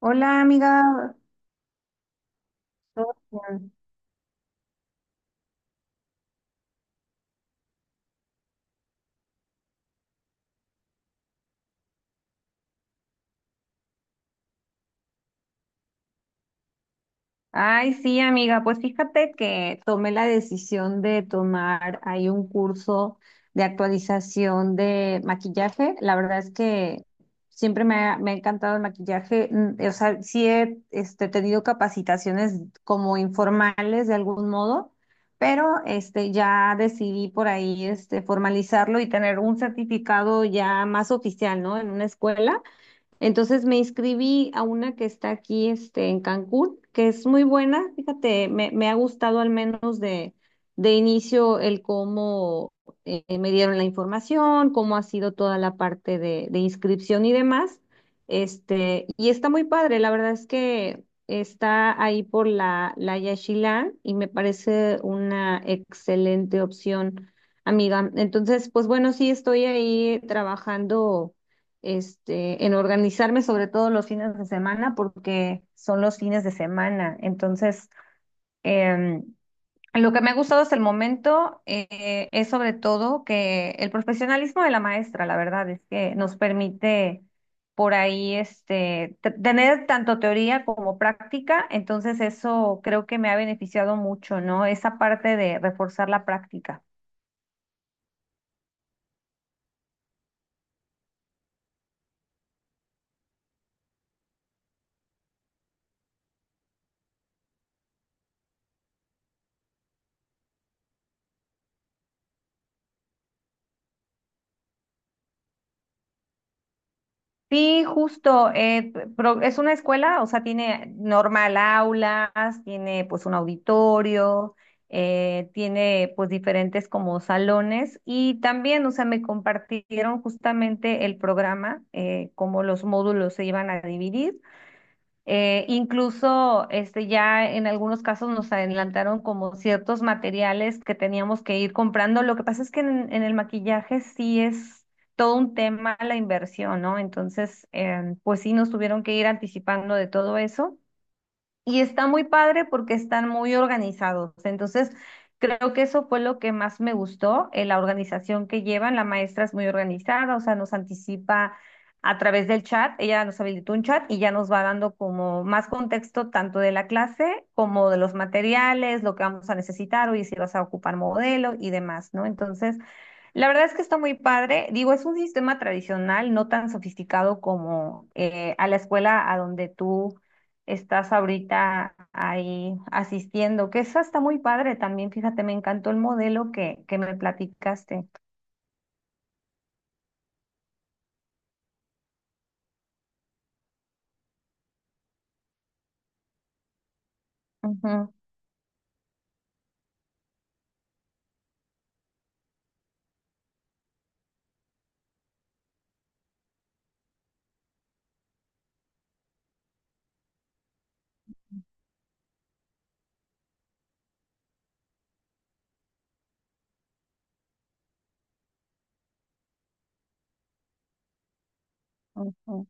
Hola amiga. ¿Todo bien? Ay, sí, amiga, pues fíjate que tomé la decisión de tomar ahí un curso de actualización de maquillaje. La verdad es que siempre me ha encantado el maquillaje. O sea, sí he tenido capacitaciones como informales de algún modo, pero ya decidí por ahí formalizarlo y tener un certificado ya más oficial, ¿no? En una escuela. Entonces me inscribí a una que está aquí, este, en Cancún, que es muy buena. Fíjate, me ha gustado al menos de inicio el cómo me dieron la información, cómo ha sido toda la parte de inscripción y demás. Y está muy padre, la verdad es que está ahí por la Yaxchilán y me parece una excelente opción, amiga. Entonces, pues bueno, sí estoy ahí trabajando en organizarme sobre todo los fines de semana porque son los fines de semana. Entonces, em, lo que me ha gustado hasta el momento es sobre todo que el profesionalismo de la maestra, la verdad, es que nos permite por ahí tener tanto teoría como práctica. Entonces, eso creo que me ha beneficiado mucho, ¿no? Esa parte de reforzar la práctica. Sí, justo. Es una escuela, o sea, tiene normal aulas, tiene pues un auditorio, tiene pues diferentes como salones y también, o sea, me compartieron justamente el programa, cómo los módulos se iban a dividir. Incluso ya en algunos casos nos adelantaron como ciertos materiales que teníamos que ir comprando. Lo que pasa es que en el maquillaje sí es todo un tema la inversión, ¿no? Entonces, pues sí nos tuvieron que ir anticipando de todo eso. Y está muy padre porque están muy organizados. Entonces, creo que eso fue lo que más me gustó, la organización que llevan. La maestra es muy organizada, o sea, nos anticipa a través del chat. Ella nos habilitó un chat y ya nos va dando como más contexto tanto de la clase como de los materiales, lo que vamos a necesitar, o si vas a ocupar modelo y demás, ¿no? Entonces, la verdad es que está muy padre. Digo, es un sistema tradicional, no tan sofisticado como a la escuela a donde tú estás ahorita ahí asistiendo, que eso está muy padre también, fíjate, me encantó el modelo que me platicaste. Ujú, ujú,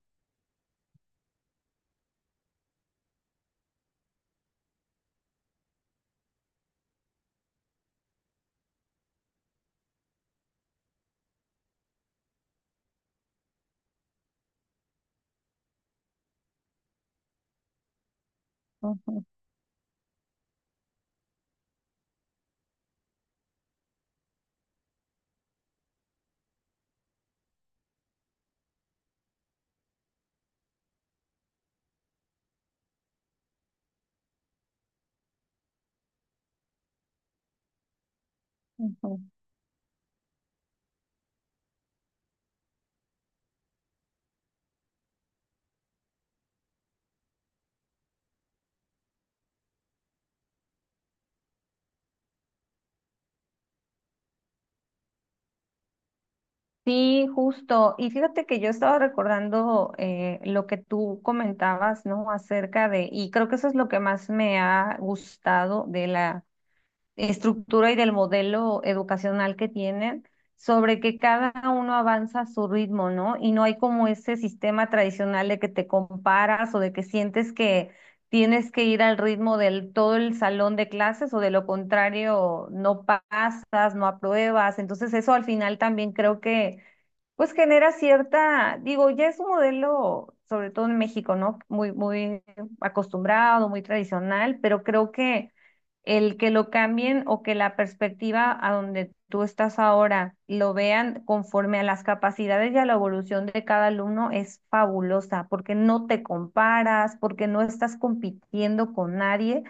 ujú, ujú. Sí, justo. Y fíjate que yo estaba recordando lo que tú comentabas, ¿no? Acerca de, y creo que eso es lo que más me ha gustado de la estructura y del modelo educacional que tienen, sobre que cada uno avanza a su ritmo, ¿no? Y no hay como ese sistema tradicional de que te comparas o de que sientes que tienes que ir al ritmo del todo el salón de clases o de lo contrario no pasas, no apruebas. Entonces eso al final también creo que pues genera cierta, digo, ya es un modelo, sobre todo en México, ¿no? Muy, muy acostumbrado, muy tradicional, pero creo que el que lo cambien o que la perspectiva a donde tú estás ahora lo vean conforme a las capacidades y a la evolución de cada alumno es fabulosa, porque no te comparas, porque no estás compitiendo con nadie,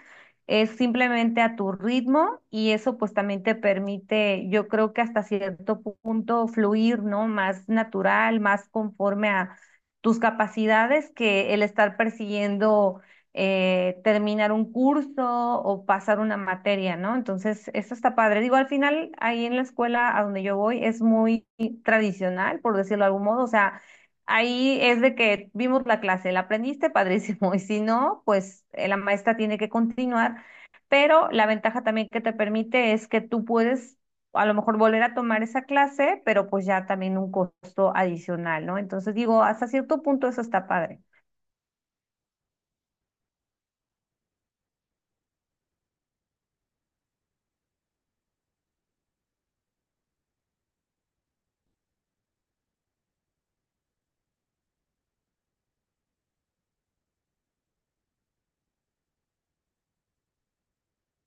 es simplemente a tu ritmo y eso pues también te permite, yo creo que hasta cierto punto fluir, ¿no? Más natural, más conforme a tus capacidades que el estar persiguiendo terminar un curso o pasar una materia, ¿no? Entonces, esto está padre. Digo, al final, ahí en la escuela a donde yo voy es muy tradicional, por decirlo de algún modo. O sea, ahí es de que vimos la clase, la aprendiste, padrísimo. Y si no, pues la maestra tiene que continuar. Pero la ventaja también que te permite es que tú puedes... A lo mejor volver a tomar esa clase, pero pues ya también un costo adicional, ¿no? Entonces digo, hasta cierto punto eso está padre.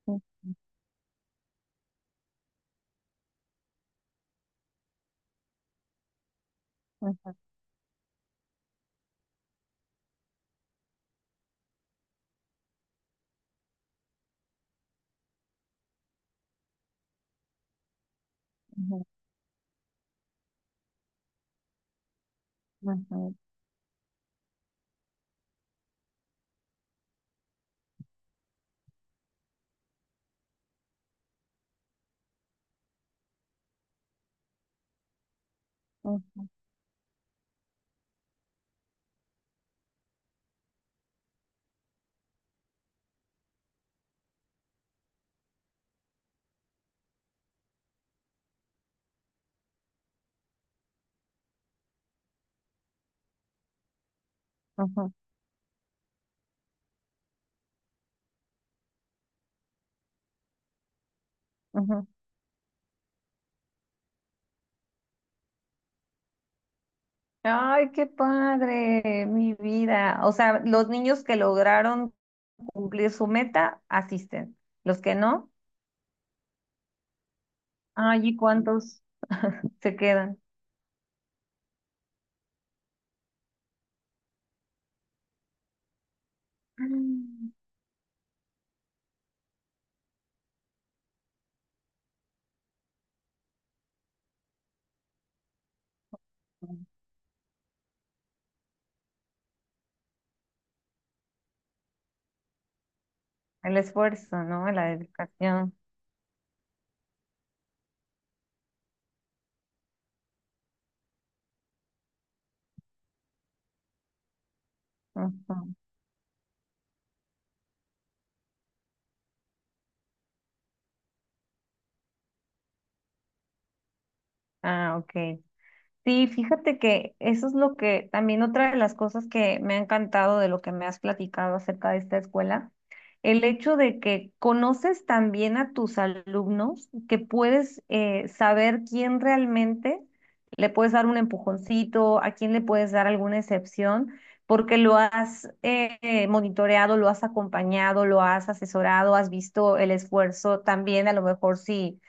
Ujú, ujú, ujú. Ujú, ujú, ujú, ujú. Ay, qué padre, mi vida. O sea, los niños que lograron cumplir su meta asisten. Los que no, ay, ¿y cuántos se quedan? Mm. El esfuerzo, ¿no? La dedicación. Ujú. Ah, ok. Sí, fíjate que eso es lo que también otra de las cosas que me ha encantado de lo que me has platicado acerca de esta escuela, el hecho de que conoces también a tus alumnos, que puedes saber quién realmente le puedes dar un empujoncito, a quién le puedes dar alguna excepción, porque lo has monitoreado, lo has acompañado, lo has asesorado, has visto el esfuerzo también, a lo mejor sí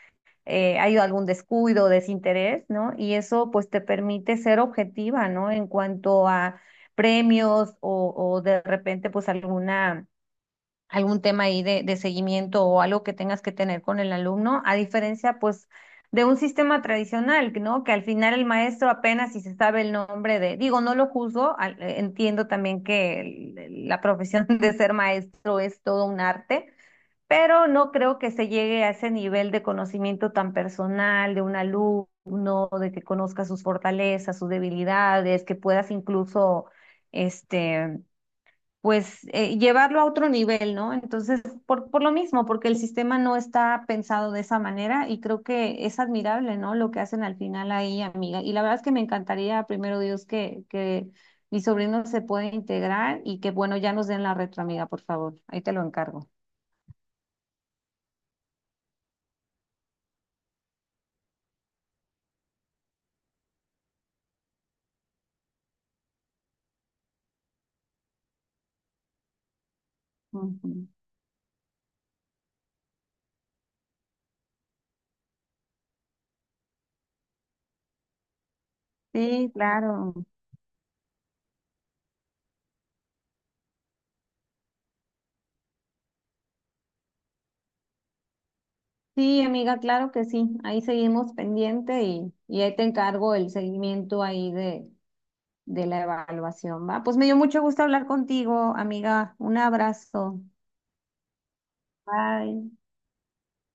hay algún descuido, desinterés, ¿no? Y eso pues te permite ser objetiva, ¿no? En cuanto a premios o de repente pues alguna, algún tema ahí de seguimiento o algo que tengas que tener con el alumno, a diferencia pues de un sistema tradicional, ¿no? Que al final el maestro apenas si se sabe el nombre de, digo, no lo juzgo, entiendo también que la profesión de ser maestro es todo un arte pero no creo que se llegue a ese nivel de conocimiento tan personal de un alumno, de que conozca sus fortalezas, sus debilidades, que puedas incluso, este, pues, llevarlo a otro nivel, ¿no? Entonces, por lo mismo, porque el sistema no está pensado de esa manera y creo que es admirable, ¿no? Lo que hacen al final ahí, amiga. Y la verdad es que me encantaría, primero Dios, que mi sobrino se pueda integrar y que bueno, ya nos den la retro, amiga, por favor. Ahí te lo encargo. Ujú. Sí, claro. Sí, amiga, claro que sí. Ahí seguimos pendiente y ahí te encargo el seguimiento ahí de la evaluación, ¿va? Pues me dio mucho gusto hablar contigo, amiga. Un abrazo. Bye.